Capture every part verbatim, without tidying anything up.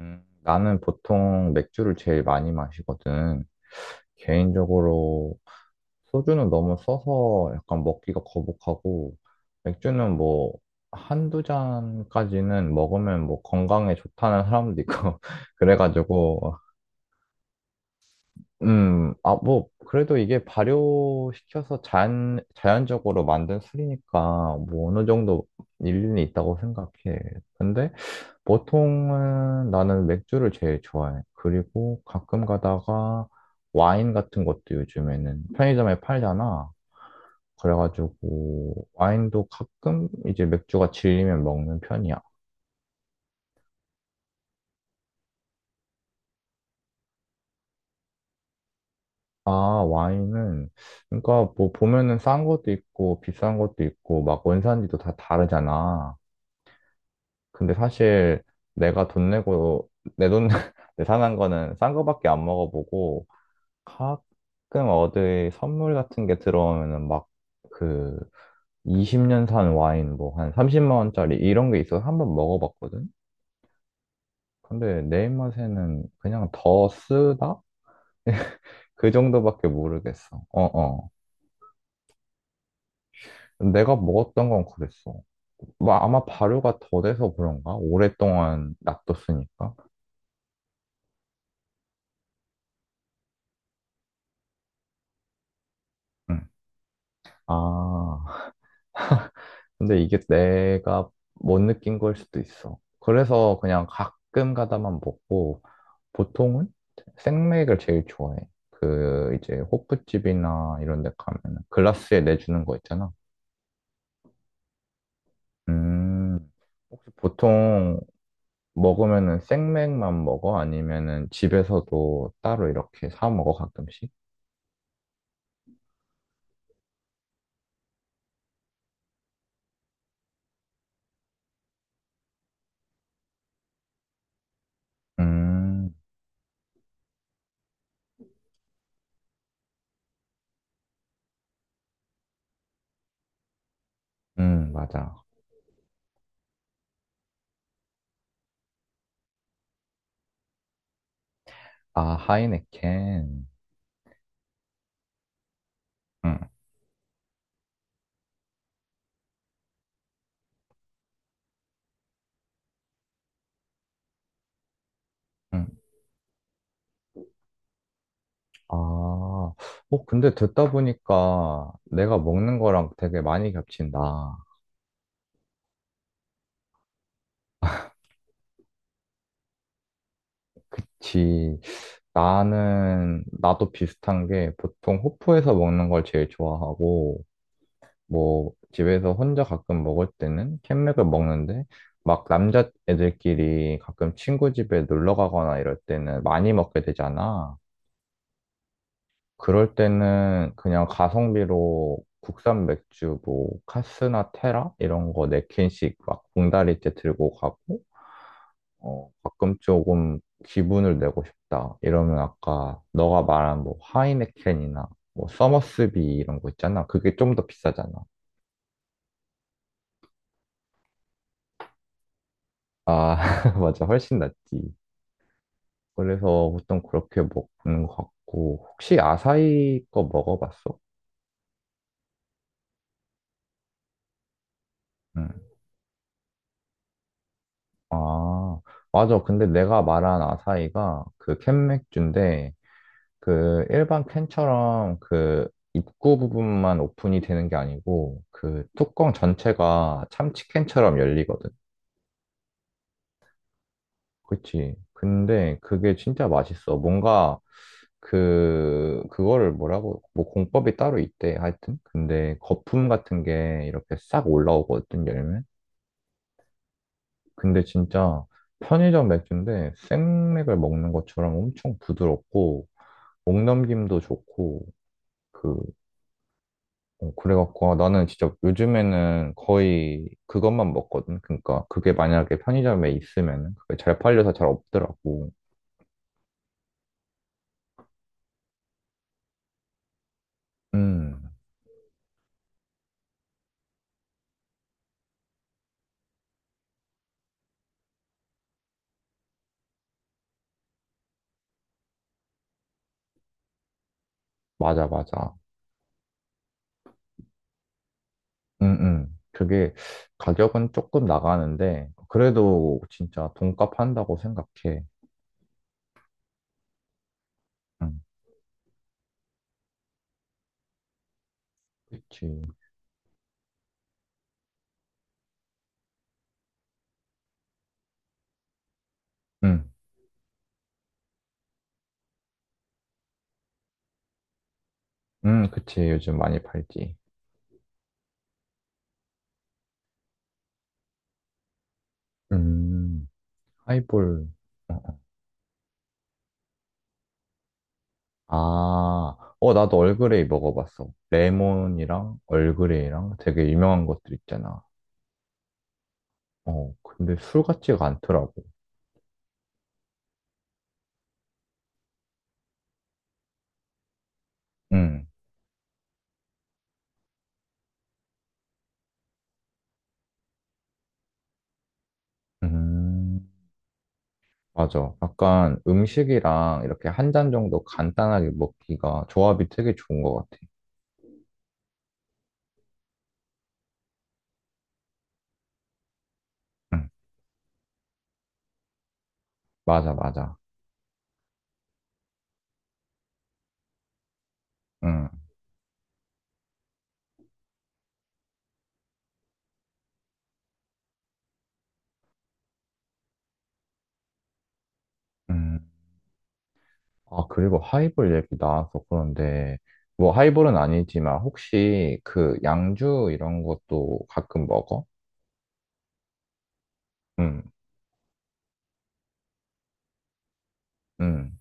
음, 나는 보통 맥주를 제일 많이 마시거든. 개인적으로 소주는 너무 써서 약간 먹기가 거북하고, 맥주는 뭐, 한두 잔까지는 먹으면 뭐 건강에 좋다는 사람도 있고, 그래가지고, 음, 아, 뭐, 그래도 이게 발효시켜서 자연, 자연적으로 만든 술이니까, 뭐, 어느 정도 일리는 있다고 생각해. 근데, 보통은 나는 맥주를 제일 좋아해. 그리고 가끔 가다가 와인 같은 것도 요즘에는 편의점에 팔잖아. 그래가지고 와인도 가끔 이제 맥주가 질리면 먹는 편이야. 아, 와인은 그러니까 뭐 보면은 싼 것도 있고 비싼 것도 있고 막 원산지도 다 다르잖아. 근데 사실 내가 돈 내고 내 돈 내 사는 거는 싼 거밖에 안 먹어보고 가끔 어디 선물 같은 게 들어오면은 막 그 이십 년 산 와인 뭐 한 삼십만 원짜리 이런 게 있어서 한번 먹어봤거든? 근데 내 입맛에는 그냥 더 쓰다? 그 정도밖에 모르겠어. 어어. 내가 먹었던 건 그랬어. 뭐 아마 발효가 더 돼서 그런가? 오랫동안 놔뒀으니까. 응. 아, 근데 이게 내가 못 느낀 걸 수도 있어. 그래서 그냥 가끔 가다만 먹고, 보통은 생맥을 제일 좋아해. 그, 이제, 호프집이나 이런 데 가면 글라스에 내주는 거 있잖아. 음, 혹시 보통 먹으면은 생맥만 먹어? 아니면은 집에서도 따로 이렇게 사 먹어, 가끔씩? 음, 음, 맞아. 아, 하이네켄. 응, 응, 아, 어, 근데 듣다 보니까 내가 먹는 거랑 되게 많이 겹친다. 지, 나는, 나도 비슷한 게 보통 호프에서 먹는 걸 제일 좋아하고, 뭐, 집에서 혼자 가끔 먹을 때는 캔맥을 먹는데, 막 남자애들끼리 가끔 친구 집에 놀러 가거나 이럴 때는 많이 먹게 되잖아. 그럴 때는 그냥 가성비로 국산 맥주 뭐 카스나 테라 이런 거 네 캔씩 막 봉다리째 들고 가고 어 가끔 조금 기분을 내고 싶다 이러면 아까 너가 말한 뭐 하이네켄이나 뭐 서머스비 이런 거 있잖아. 그게 좀 더 비싸잖아. 아 맞아. 훨씬 낫지. 그래서 보통 그렇게 먹는 것 같고. 혹시 아사히 거 먹어봤어? 응. 아, 맞아. 근데 내가 말한 아사이가 그 캔 맥주인데 그 일반 캔처럼 그 입구 부분만 오픈이 되는 게 아니고 그 뚜껑 전체가 참치캔처럼 열리거든. 그치. 근데 그게 진짜 맛있어. 뭔가 그, 그거를 뭐라고, 뭐 공법이 따로 있대. 하여튼. 근데 거품 같은 게 이렇게 싹 올라오거든, 열면. 근데 진짜 편의점 맥주인데 생맥을 먹는 것처럼 엄청 부드럽고 목넘김도 좋고. 그 어, 그래갖고 아, 나는 진짜 요즘에는 거의 그것만 먹거든. 그러니까 그게 만약에 편의점에 있으면 그게 잘 팔려서 잘 없더라고. 음 맞아, 맞아. 음 음. 그게 가격은 조금 나가는데 그래도 진짜 돈값 한다고 생각해. 음 그치. 음 음 그치. 요즘 많이 팔지. 음 하이볼. 아, 어, 나도 얼그레이 먹어봤어. 레몬이랑 얼그레이랑 되게 유명한 것들 있잖아. 어, 근데 술 같지가 않더라고. 응, 음, 맞아. 약간 음식이랑 이렇게 한 잔 정도 간단하게 먹기가 조합이 되게 좋은 것 같아. 응, 맞아, 맞아. 응, 음. 아, 그리고 하이볼 얘기 나와서 그런데, 뭐 하이볼은 아니지만 혹시 그 양주 이런 것도 가끔 먹어? 응, 응.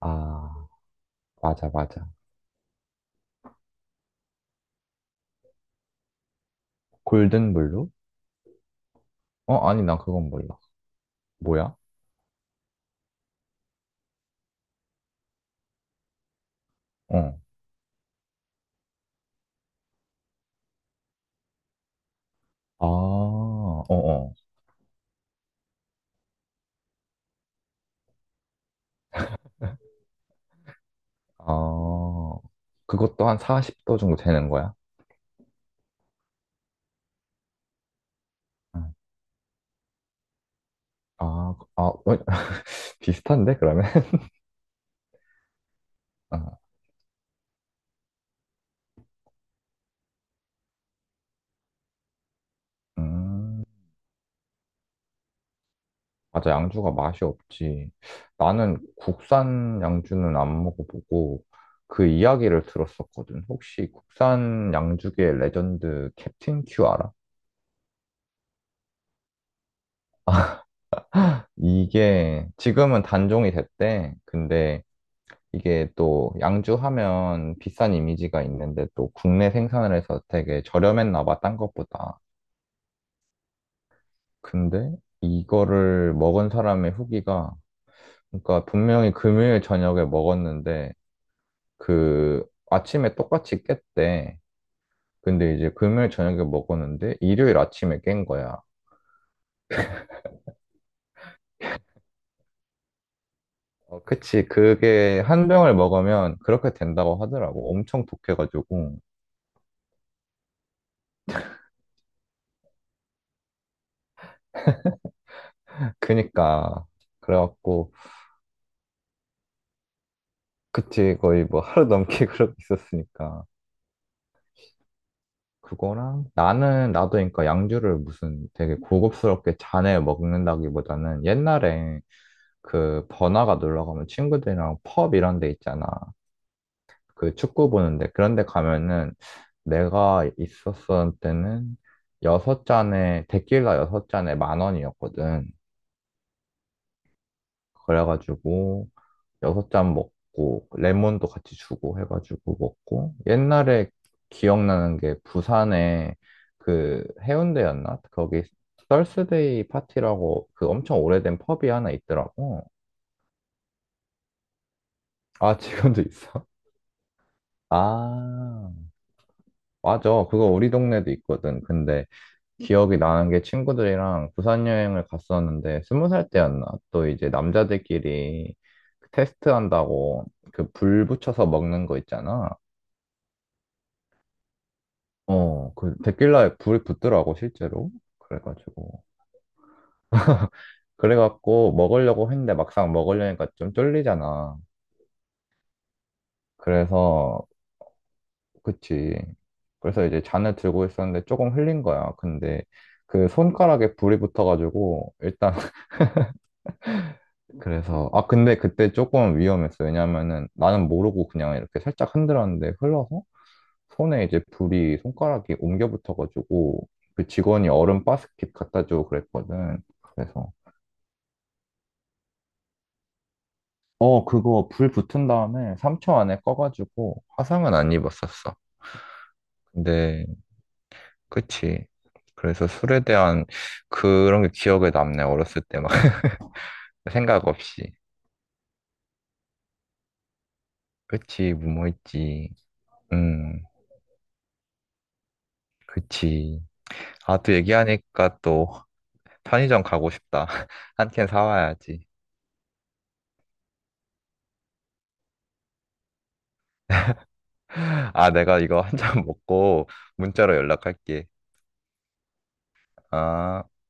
아, 맞아, 맞아. 골든블루? 어, 아니, 난 그건 몰라. 뭐야? 어. 아, 어, 어. 아, 그것도 한 사십 도 정도 되는 거야? 응. 아, 그, 아, 어, 비슷한데, 그러면? 아, 음, 맞아, 양주가 맛이 없지. 나는 국산 양주는 안 먹어보고, 그 이야기를 들었었거든. 혹시 국산 양주계 레전드 캡틴 큐 알아? 이게 지금은 단종이 됐대. 근데 이게 또 양주하면 비싼 이미지가 있는데 또 국내 생산을 해서 되게 저렴했나 봐, 딴 것보다. 근데 이거를 먹은 사람의 후기가, 그러니까 분명히 금요일 저녁에 먹었는데 그 아침에 똑같이 깼대. 근데 이제 금요일 저녁에 먹었는데 일요일 아침에 깬 거야. 어, 그치. 그게 한 병을 먹으면 그렇게 된다고 하더라고. 엄청 독해가지고. 그니까. 그래갖고. 그치, 거의 뭐 하루 넘게 그러고 있었으니까. 그거랑 나는 나도 그러니까 양주를 무슨 되게 고급스럽게 잔에 먹는다기보다는 옛날에 그 번화가 놀러 가면 친구들이랑 펍 이런 데 있잖아. 그 축구 보는데 그런 데 가면은 내가 있었을 때는 여섯 잔에 데킬라 여섯 잔에 만 원이었거든. 그래가지고 여섯 잔 먹고 레몬도 같이 주고 해가지고 먹고 옛날에 기억나는 게 부산에 그 해운대였나? 거기 썰스데이 파티라고 그 엄청 오래된 펍이 하나 있더라고. 아, 지금도 있어? 아, 맞아. 그거 우리 동네도 있거든. 근데 기억이 나는 게 친구들이랑 부산 여행을 갔었는데 스무 살 때였나? 또 이제 남자들끼리 그 테스트 한다고 그 불 붙여서 먹는 거 있잖아. 어, 그 데킬라에 불이 붙더라고 실제로. 그래가지고 그래갖고 먹으려고 했는데 막상 먹으려니까 좀 쫄리잖아. 그래서 그치. 그래서 이제 잔을 들고 있었는데 조금 흘린 거야. 근데 그 손가락에 불이 붙어가지고 일단 그래서 아 근데 그때 조금 위험했어. 왜냐면은 나는 모르고 그냥 이렇게 살짝 흔들었는데 흘러서 손에 이제 불이 손가락이 옮겨 붙어가지고 그 직원이 얼음 바스켓 갖다 주고 그랬거든. 그래서 어 그거 불 붙은 다음에 삼 초 안에 꺼가지고 화상은 안 입었었어. 근데 그치. 그래서 술에 대한 그런 게 기억에 남네. 어렸을 때 막 생각 없이. 그치 무모했지. 음 그치. 아 또 얘기하니까 또 편의점 가고 싶다. 한 캔 사와야지. 아, 내가 이거 한 잔 먹고 문자로 연락할게. 아.